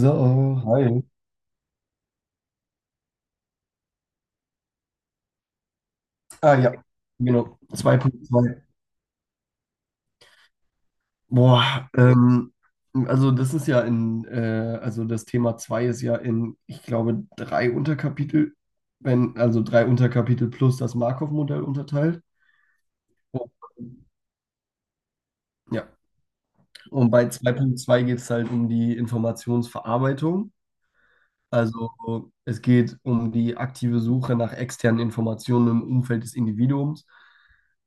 So, hi. Ah ja, genau, 2.2. Boah, das Thema 2 ist ja in, ich glaube, drei Unterkapitel, wenn, also drei Unterkapitel plus das Markov-Modell unterteilt. Ja, und bei 2.2 geht es halt um die Informationsverarbeitung. Also es geht um die aktive Suche nach externen Informationen im Umfeld des Individuums.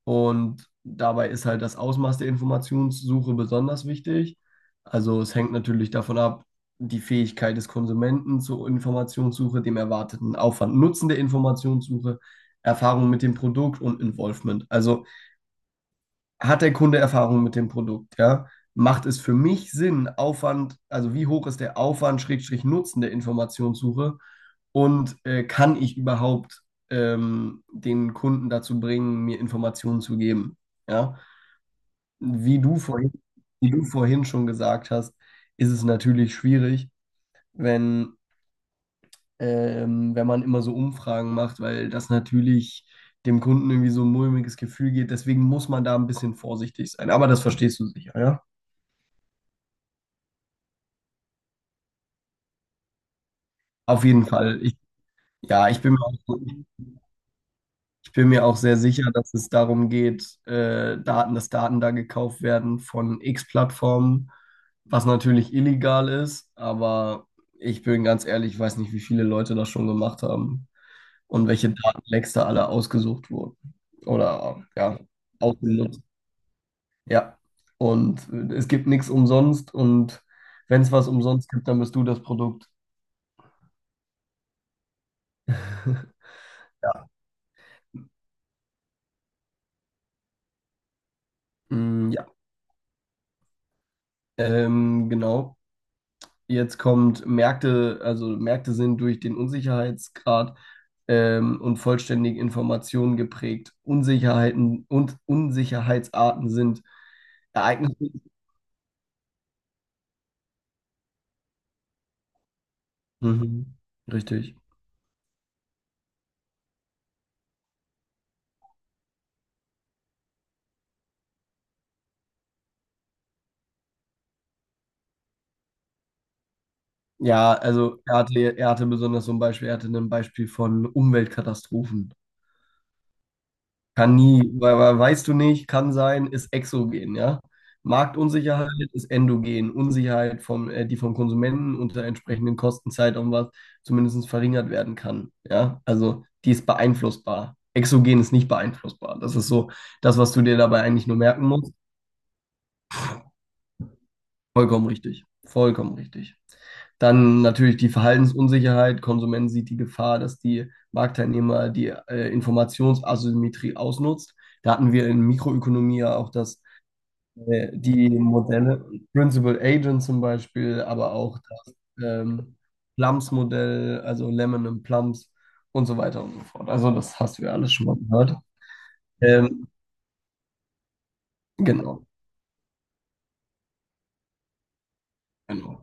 Und dabei ist halt das Ausmaß der Informationssuche besonders wichtig. Also es hängt natürlich davon ab, die Fähigkeit des Konsumenten zur Informationssuche, dem erwarteten Aufwand, Nutzen der Informationssuche, Erfahrung mit dem Produkt und Involvement. Also hat der Kunde Erfahrung mit dem Produkt, ja? Macht es für mich Sinn, Aufwand, also wie hoch ist der Aufwand, Schrägstrich Nutzen der Informationssuche und kann ich überhaupt den Kunden dazu bringen, mir Informationen zu geben, ja? Wie du vorhin, wie du vorhin schon gesagt hast, ist es natürlich schwierig, wenn, wenn man immer so Umfragen macht, weil das natürlich dem Kunden irgendwie so ein mulmiges Gefühl geht. Deswegen muss man da ein bisschen vorsichtig sein. Aber das verstehst du sicher, ja? Auf jeden Fall. Ja, ich bin mir auch sehr sicher, dass es darum geht, dass Daten da gekauft werden von X-Plattformen, was natürlich illegal ist, aber ich bin ganz ehrlich, ich weiß nicht, wie viele Leute das schon gemacht haben und welche Datenlecks da alle ausgesucht wurden oder ja, ausgenutzt. Ja, und es gibt nichts umsonst, und wenn es was umsonst gibt, dann bist du das Produkt. Ja, Mm, ja, genau. Jetzt kommt Märkte, also Märkte sind durch den Unsicherheitsgrad und vollständige Informationen geprägt. Unsicherheiten und Unsicherheitsarten sind Ereignisse. Mhm. Richtig. Ja, also er hatte besonders so ein Beispiel, er hatte ein Beispiel von Umweltkatastrophen. Kann nie, weil weißt du nicht, kann sein, ist exogen, ja. Marktunsicherheit ist endogen. Unsicherheit die vom Konsumenten unter entsprechenden Kosten, Zeitaufwand zumindest verringert werden kann, ja. Also die ist beeinflussbar. Exogen ist nicht beeinflussbar. Das ist so das, was du dir dabei eigentlich nur merken musst. Vollkommen richtig. Vollkommen richtig. Dann natürlich die Verhaltensunsicherheit. Konsument sieht die Gefahr, dass die Marktteilnehmer die Informationsasymmetrie ausnutzt. Da hatten wir in Mikroökonomie ja auch das die Modelle, Principal Agent zum Beispiel, aber auch das ähm, Plums-Modell, also Lemon and Plums und so weiter und so fort. Also das hast du ja alles schon mal gehört. Ähm, genau, genau.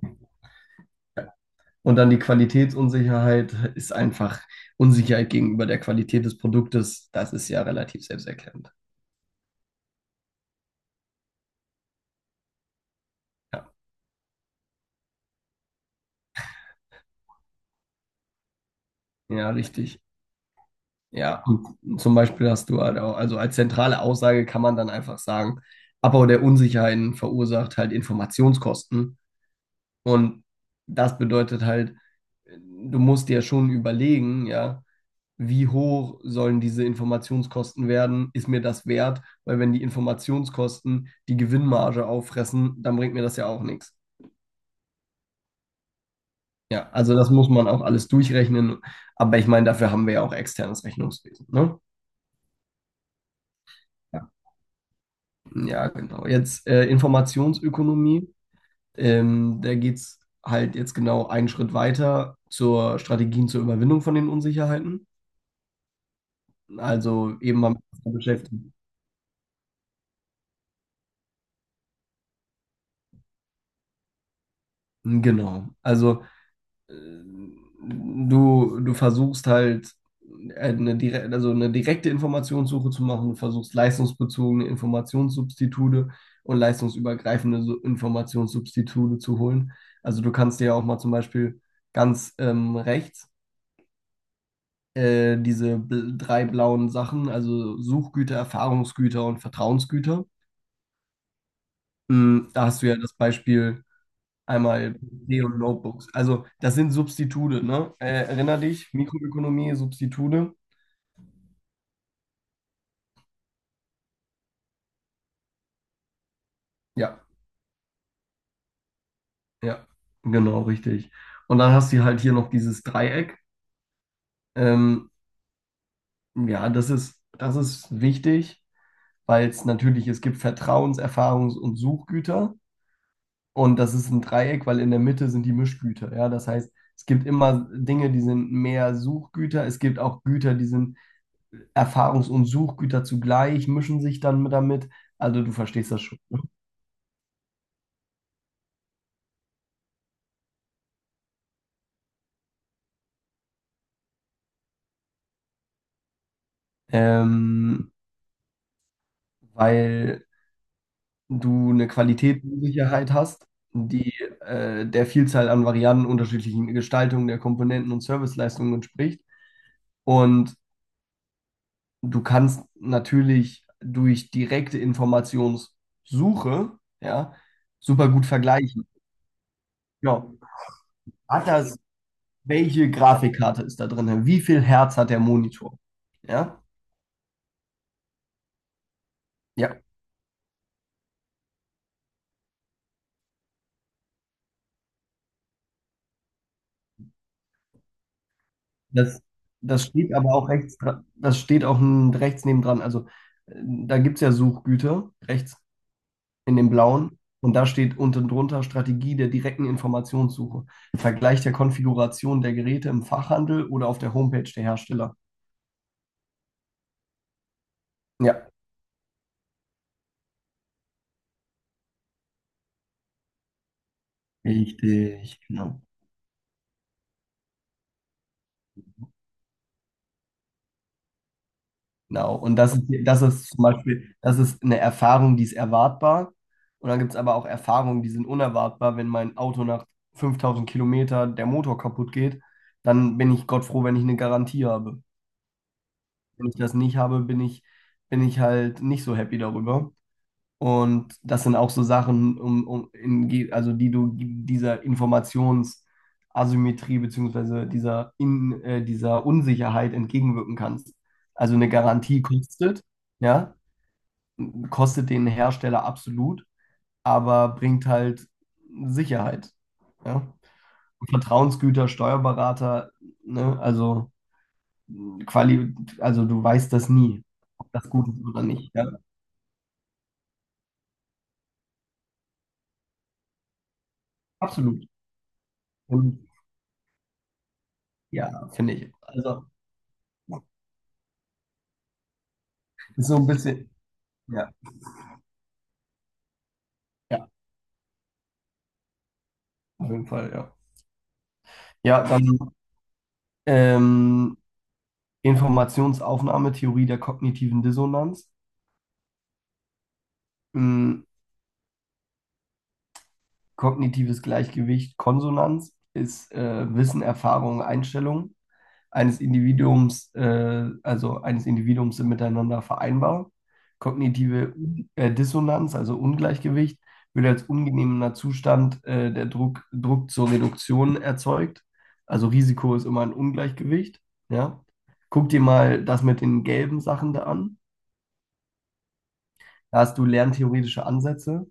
Und dann die Qualitätsunsicherheit ist einfach Unsicherheit gegenüber der Qualität des Produktes. Das ist ja relativ selbsterklärend. Ja, ja, richtig. Ja, und zum Beispiel hast du halt auch, also als zentrale Aussage kann man dann einfach sagen, Abbau der Unsicherheiten verursacht halt Informationskosten. Und das bedeutet halt, du musst dir schon überlegen, ja, wie hoch sollen diese Informationskosten werden? Ist mir das wert? Weil wenn die Informationskosten die Gewinnmarge auffressen, dann bringt mir das ja auch nichts. Ja, also das muss man auch alles durchrechnen. Aber ich meine, dafür haben wir ja auch externes Rechnungswesen, ne? Ja, ja, genau. Jetzt Informationsökonomie. Da geht es halt jetzt genau einen Schritt weiter zur Strategien zur Überwindung von den Unsicherheiten. Also eben mal beschäftigen. Genau. Also äh, du versuchst halt eine direkte Informationssuche zu machen, du versuchst leistungsbezogene Informationssubstitute und leistungsübergreifende Informationssubstitute zu holen. Also du kannst dir ja auch mal zum Beispiel ganz rechts drei blauen Sachen, also Suchgüter, Erfahrungsgüter und Vertrauensgüter. Da hast du ja das Beispiel einmal PC und Notebooks. Also das sind Substitute, ne? Erinner dich, Mikroökonomie, Substitute. Ja, ja, genau, richtig. Und dann hast du halt hier noch dieses Dreieck. Ähm, ja, das ist wichtig, weil es natürlich, es gibt Vertrauens-, Erfahrungs- und Suchgüter. Und das ist ein Dreieck, weil in der Mitte sind die Mischgüter. Ja, das heißt, es gibt immer Dinge, die sind mehr Suchgüter. Es gibt auch Güter, die sind Erfahrungs- und Suchgüter zugleich, mischen sich dann damit. Also du verstehst das schon. ähm, weil du eine Qualitätssicherheit hast, die der Vielzahl an Varianten, unterschiedlichen Gestaltungen der Komponenten und Serviceleistungen entspricht. Und du kannst natürlich durch direkte Informationssuche, ja, super gut vergleichen. Genau. Hat das, welche Grafikkarte ist da drin? Wie viel Hertz hat der Monitor? Ja, ja. Das, das steht aber auch rechts, das steht auch rechts nebendran. Also da gibt es ja Suchgüter, rechts in dem blauen. Und da steht unten drunter Strategie der direkten Informationssuche. Vergleich der Konfiguration der Geräte im Fachhandel oder auf der Homepage der Hersteller. Ja, richtig, genau. Genau. Und das ist zum Beispiel, das ist eine Erfahrung, die ist erwartbar. Und dann gibt es aber auch Erfahrungen, die sind unerwartbar. Wenn mein Auto nach 5000 Kilometer der Motor kaputt geht, dann bin ich Gott froh, wenn ich eine Garantie habe. Wenn ich das nicht habe, bin ich halt nicht so happy darüber. Und das sind auch so Sachen, um, um in, ge- also die du dieser Informationsasymmetrie beziehungsweise dieser Unsicherheit entgegenwirken kannst. Also eine Garantie kostet. Ja, kostet den Hersteller absolut, aber bringt halt Sicherheit. Ja? Vertrauensgüter, Steuerberater, ne? Quali also, du weißt das nie, ob das gut ist oder nicht. Ja? Absolut. Und ja, finde ich. Also ist so ein bisschen, ja, ja, auf jeden Fall, ja. Ja, dann ähm, Informationsaufnahmetheorie der kognitiven Dissonanz. Mm, Kognitives Gleichgewicht, Konsonanz ist Wissen, Erfahrung, Einstellung eines Individuums, sind miteinander vereinbar. Kognitive Dissonanz, also Ungleichgewicht, wird als ungenehmer Zustand der Druck zur Reduktion erzeugt. Also Risiko ist immer ein Ungleichgewicht. Ja? Guck dir mal das mit den gelben Sachen da an. Da hast du lerntheoretische Ansätze.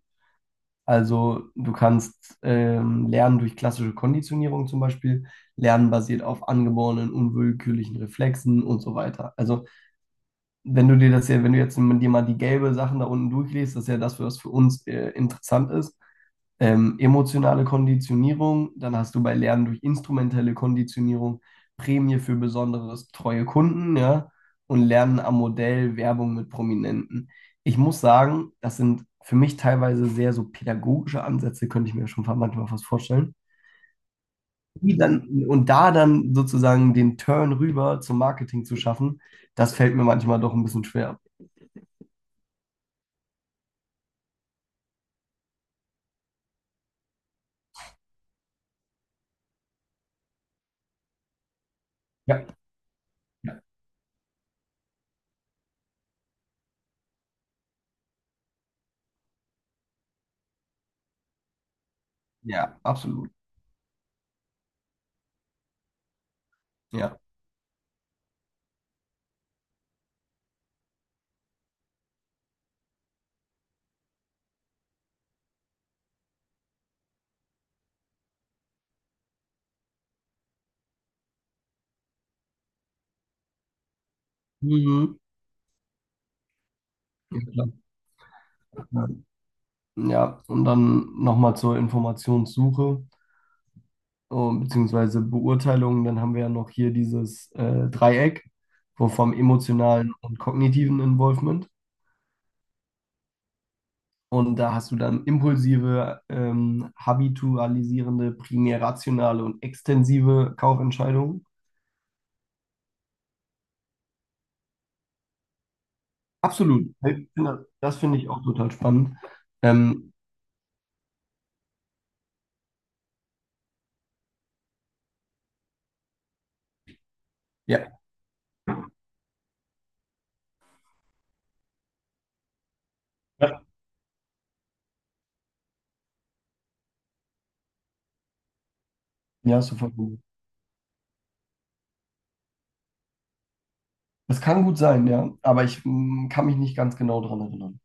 Also du kannst lernen durch klassische Konditionierung zum Beispiel, lernen basiert auf angeborenen unwillkürlichen Reflexen und so weiter. Also wenn du dir das ja, wenn du jetzt mit dir mal die gelbe Sachen da unten durchliest, das ist ja das, was für uns interessant ist. Emotionale Konditionierung, dann hast du bei Lernen durch instrumentelle Konditionierung Prämie für besonderes treue Kunden, ja, und Lernen am Modell Werbung mit Prominenten. Ich muss sagen, das sind für mich teilweise sehr so pädagogische Ansätze, könnte ich mir schon manchmal fast vorstellen. Die dann, und da dann sozusagen den Turn rüber zum Marketing zu schaffen, das fällt mir manchmal doch ein bisschen schwer. Ja, ja, ja, absolut. Ja. Mhm. Ja, klar. Ja. Ja, und dann nochmal zur Informationssuche beziehungsweise Beurteilung. Dann haben wir ja noch hier dieses Dreieck wo vom emotionalen und kognitiven Involvement. Und da hast du dann impulsive, habitualisierende, primär rationale und extensive Kaufentscheidungen. Absolut. Das finde ich auch total spannend. Ähm, ja. Ja, ja, hast du vollkommen recht. Das kann gut sein, ja, aber ich kann mich nicht ganz genau daran erinnern.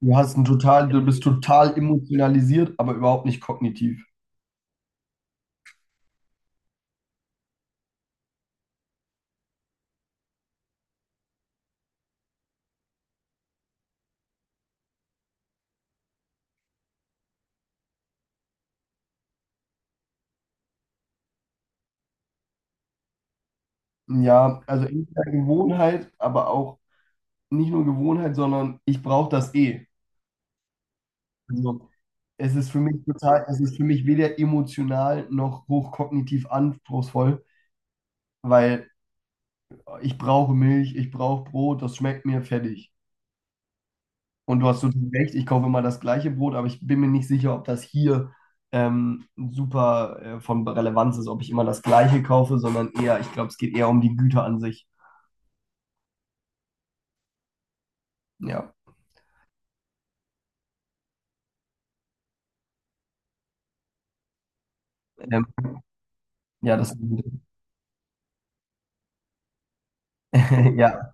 Du bist total emotionalisiert, aber überhaupt nicht kognitiv. Ja, also entweder Gewohnheit, aber auch nicht nur Gewohnheit, sondern ich brauche das eh. Also es ist für mich weder emotional noch hochkognitiv anspruchsvoll, weil ich brauche Milch, ich brauche Brot, das schmeckt mir fertig. Und du hast total recht, ich kaufe immer das gleiche Brot, aber ich bin mir nicht sicher, ob das hier super von Relevanz ist, ob ich immer das gleiche kaufe, sondern eher, ich glaube, es geht eher um die Güter an sich. Ja, ähm, ja, das, ja,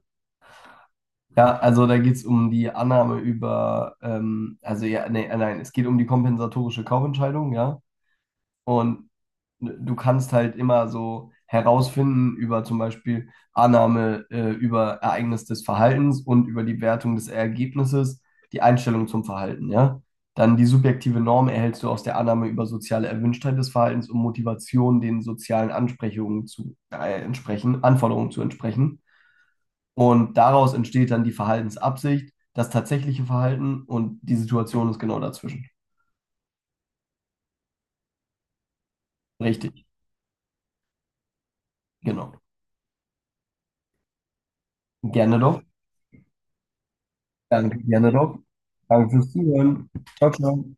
ja, also da geht es um die Annahme über, also ja, nee, nein, es geht um die kompensatorische Kaufentscheidung, ja. Und du kannst halt immer so herausfinden über zum Beispiel Annahme, über Ereignis des Verhaltens und über die Wertung des Ergebnisses, die Einstellung zum Verhalten, ja. Dann die subjektive Norm erhältst du aus der Annahme über soziale Erwünschtheit des Verhaltens und Motivation, den sozialen Ansprechungen zu entsprechen, Anforderungen zu entsprechen. Und daraus entsteht dann die Verhaltensabsicht, das tatsächliche Verhalten und die Situation ist genau dazwischen. Richtig, genau. Gerne doch. Danke gerne doch. Danke fürs Zuhören. Ciao, ciao.